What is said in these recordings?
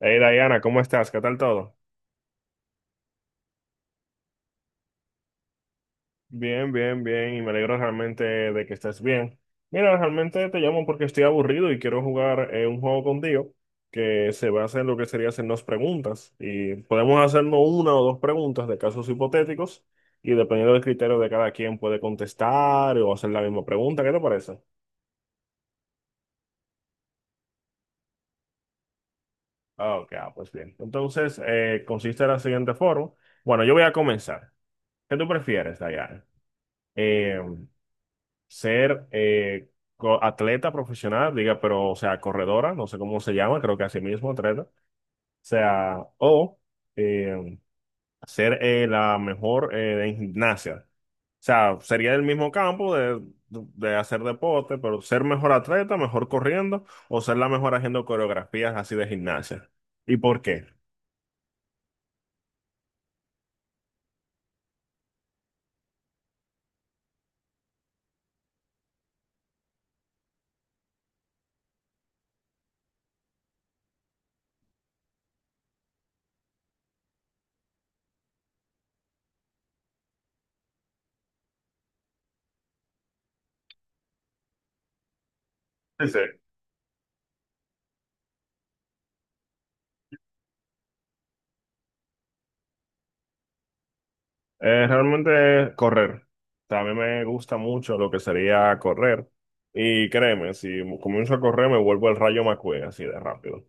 Hey Diana, ¿cómo estás? ¿Qué tal todo? Bien, bien, bien, y me alegro realmente de que estés bien. Mira, realmente te llamo porque estoy aburrido y quiero jugar un juego contigo que se basa en lo que sería hacernos preguntas. Y podemos hacernos una o dos preguntas de casos hipotéticos y dependiendo del criterio de cada quien puede contestar o hacer la misma pregunta. ¿Qué te parece? Ah, ok, ah, pues bien. Entonces, consiste de la siguiente forma. Bueno, yo voy a comenzar. ¿Qué tú prefieres, Diana? Eh, Ser atleta profesional, diga, pero, o sea, corredora, no sé cómo se llama, creo que así mismo, atleta, o sea, o eh, ser la mejor en gimnasia. O sea, sería el mismo campo de, hacer deporte, pero ser mejor atleta, mejor corriendo, o ser la mejor haciendo coreografías así de gimnasia. ¿Y por qué? Sí, sí. Realmente correr. También me gusta mucho lo que sería correr. Y créeme, si comienzo a correr me vuelvo el Rayo McQueen así de rápido.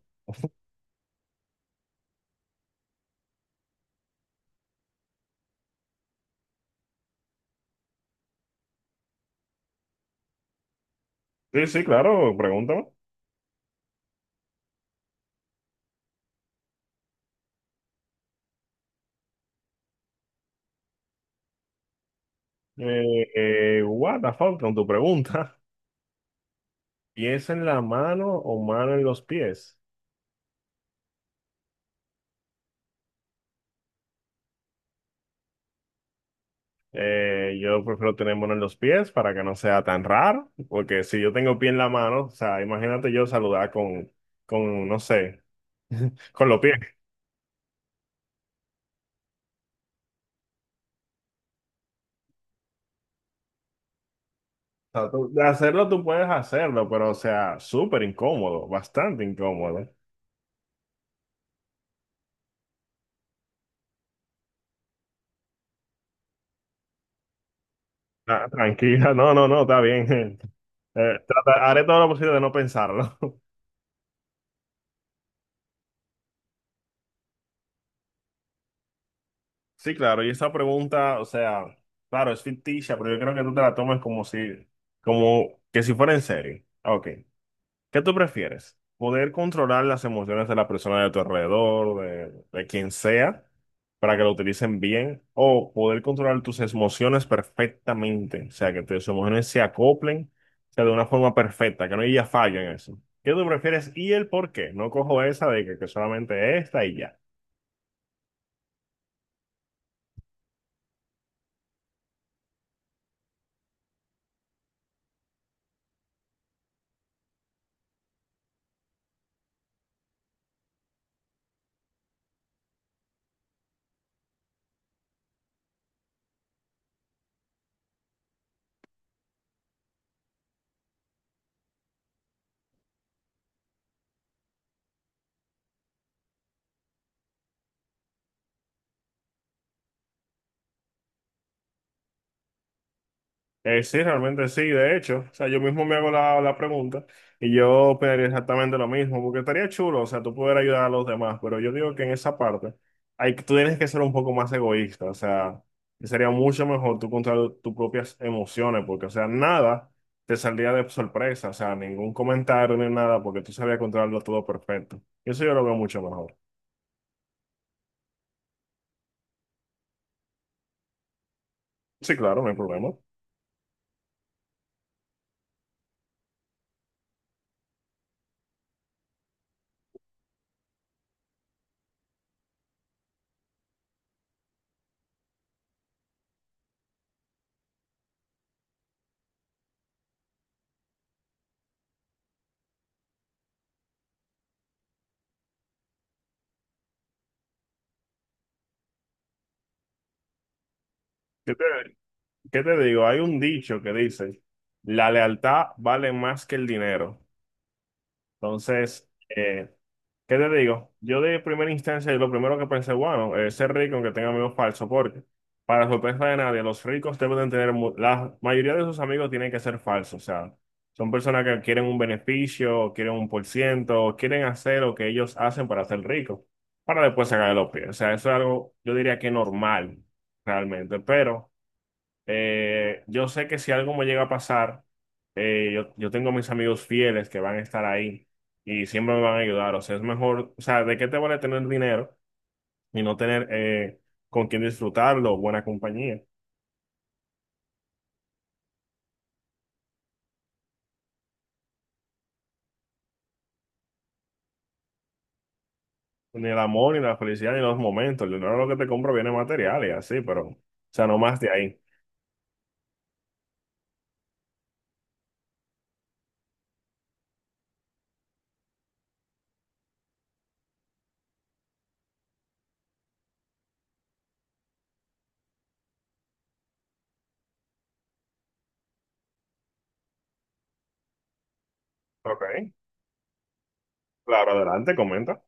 Sí, sí, claro, pregúntame. Eh, What the fuck con tu pregunta. ¿Pies en la mano o mano en los pies? Yo prefiero tener mano en los pies para que no sea tan raro, porque si yo tengo pie en la mano, o sea, imagínate yo saludar con, no sé, con los pies. Sea, de hacerlo tú puedes hacerlo, pero o sea, súper incómodo, bastante incómodo. Ah, tranquila, no, no, no, está bien. Haré todo lo posible de no pensarlo. Sí, claro, y esa pregunta, o sea, claro, es ficticia, pero yo creo que tú te la tomas como si, como que si fuera en serio. Ok. ¿Qué tú prefieres? ¿Poder controlar las emociones de la persona de tu alrededor, de, quien sea, para que lo utilicen bien? ¿O poder controlar tus emociones perfectamente? O sea, que tus emociones se acoplen, o sea, de una forma perfecta, que no haya fallo en eso. ¿Qué tú prefieres y el por qué? No cojo esa de que, solamente esta y ya. Sí, realmente sí, de hecho, o sea, yo mismo me hago la pregunta y yo opinaría exactamente lo mismo, porque estaría chulo, o sea, tú poder ayudar a los demás, pero yo digo que en esa parte hay, tú tienes que ser un poco más egoísta, o sea, sería mucho mejor tú controlar tus propias emociones, porque, o sea, nada te saldría de sorpresa, o sea, ningún comentario ni nada, porque tú sabías controlarlo todo perfecto. Y eso yo lo veo mucho mejor. Sí, claro, no hay problema. ¿Qué te, qué te digo? Hay un dicho que dice, la lealtad vale más que el dinero. Entonces, ¿qué te digo? Yo de primera instancia, lo primero que pensé, bueno, ser rico aunque tenga amigos falsos, porque para sorpresa de nadie, los ricos deben de tener, la mayoría de sus amigos tienen que ser falsos, o sea, son personas que quieren un beneficio, o quieren un por ciento, o quieren hacer lo que ellos hacen para ser ricos, para después sacar de los pies. O sea, eso es algo, yo diría que normal, realmente, pero... Yo sé que si algo me llega a pasar, yo tengo mis amigos fieles que van a estar ahí y siempre me van a ayudar. O sea, es mejor, o sea, ¿de qué te vale tener dinero y no tener con quién disfrutarlo, buena compañía? Ni el amor, ni la felicidad, ni los momentos. El dinero lo que te compro viene material y así, pero, o sea, no más de ahí. Ok, claro, adelante, comenta.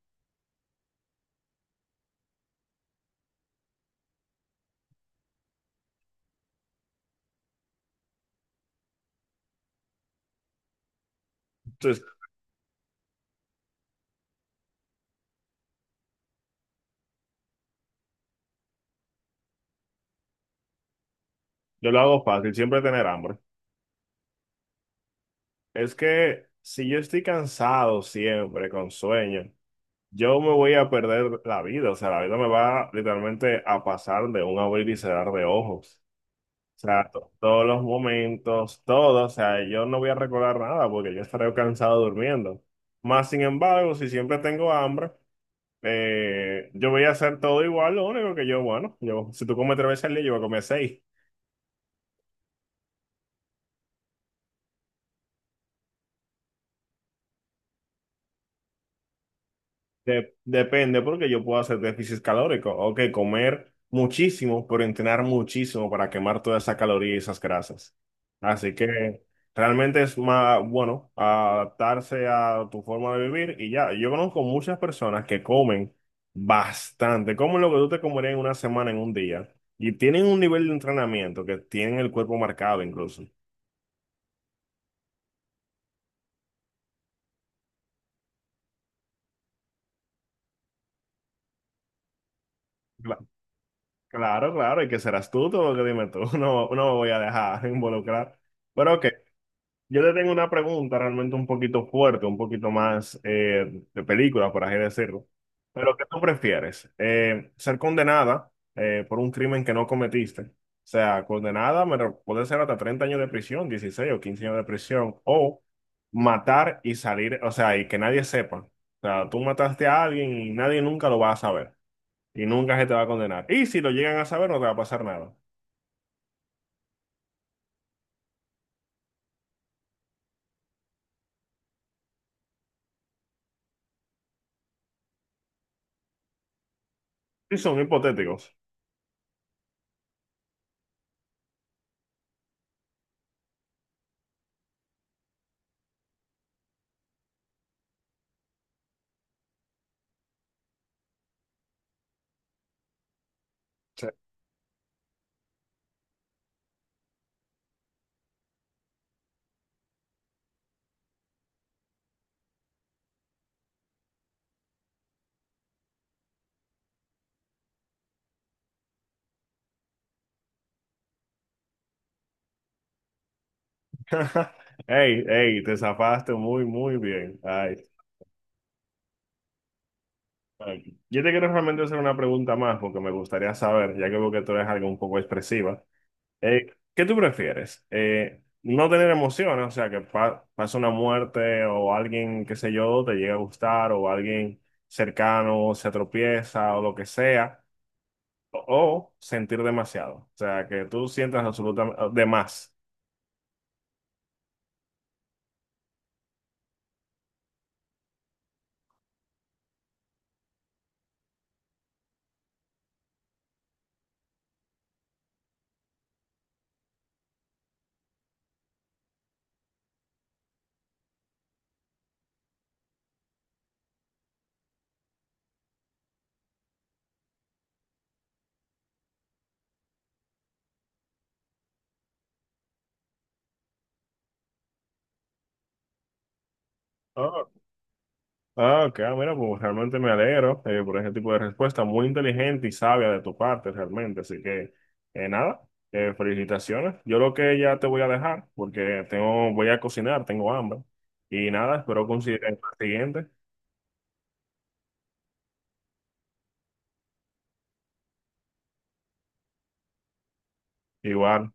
Entonces, yo lo hago fácil, siempre tener hambre. Es que si yo estoy cansado siempre, con sueño. Yo me voy a perder la vida, o sea, la vida me va literalmente a pasar de un abrir y cerrar de ojos. O sea, todos los momentos, todo, o sea, yo no voy a recordar nada porque yo estaré cansado durmiendo. Más sin embargo, si siempre tengo hambre, yo voy a hacer todo igual, lo único que bueno, yo, si tú comes 3 veces al día, yo voy a comer 6. Depende, porque yo puedo hacer déficit calórico. O que comer muchísimo, pero entrenar muchísimo para quemar toda esa caloría y esas grasas. Así que realmente es más bueno adaptarse a tu forma de vivir y ya. Yo conozco muchas personas que comen bastante, comen lo que tú te comerías en una semana, en un día, y tienen un nivel de entrenamiento que tienen el cuerpo marcado incluso. Cla- Claro, claro, y que serás tú, todo lo que dime tú. No, no me voy a dejar involucrar. Pero ok. Yo le tengo una pregunta realmente un poquito fuerte, un poquito más de película, por así decirlo. Pero ¿qué tú prefieres? ¿Ser condenada por un crimen que no cometiste? O sea, condenada puede ser hasta 30 años de prisión, 16 o 15 años de prisión, o matar y salir, o sea, y que nadie sepa. O sea, tú mataste a alguien y nadie nunca lo va a saber y nunca se te va a condenar. Y si lo llegan a saber, no te va a pasar nada. Y son hipotéticos. Hey, hey, te zafaste muy, muy bien. Ay, ay. Yo te quiero realmente hacer una pregunta más porque me gustaría saber, ya que veo que tú eres algo un poco expresiva. Eh, ¿Qué tú prefieres? No tener emociones, o sea, que pase una muerte o alguien, qué sé yo, te llega a gustar o alguien cercano se tropieza o lo que sea, o sentir demasiado, o sea, que tú sientas absolutamente de más. Ah, ok, ah, mira, pues realmente me alegro por ese tipo de respuesta, muy inteligente y sabia de tu parte, realmente. Así que, nada, felicitaciones. Yo creo que ya te voy a dejar porque tengo, voy a cocinar, tengo hambre. Y nada, espero coincidir en la siguiente. Igual.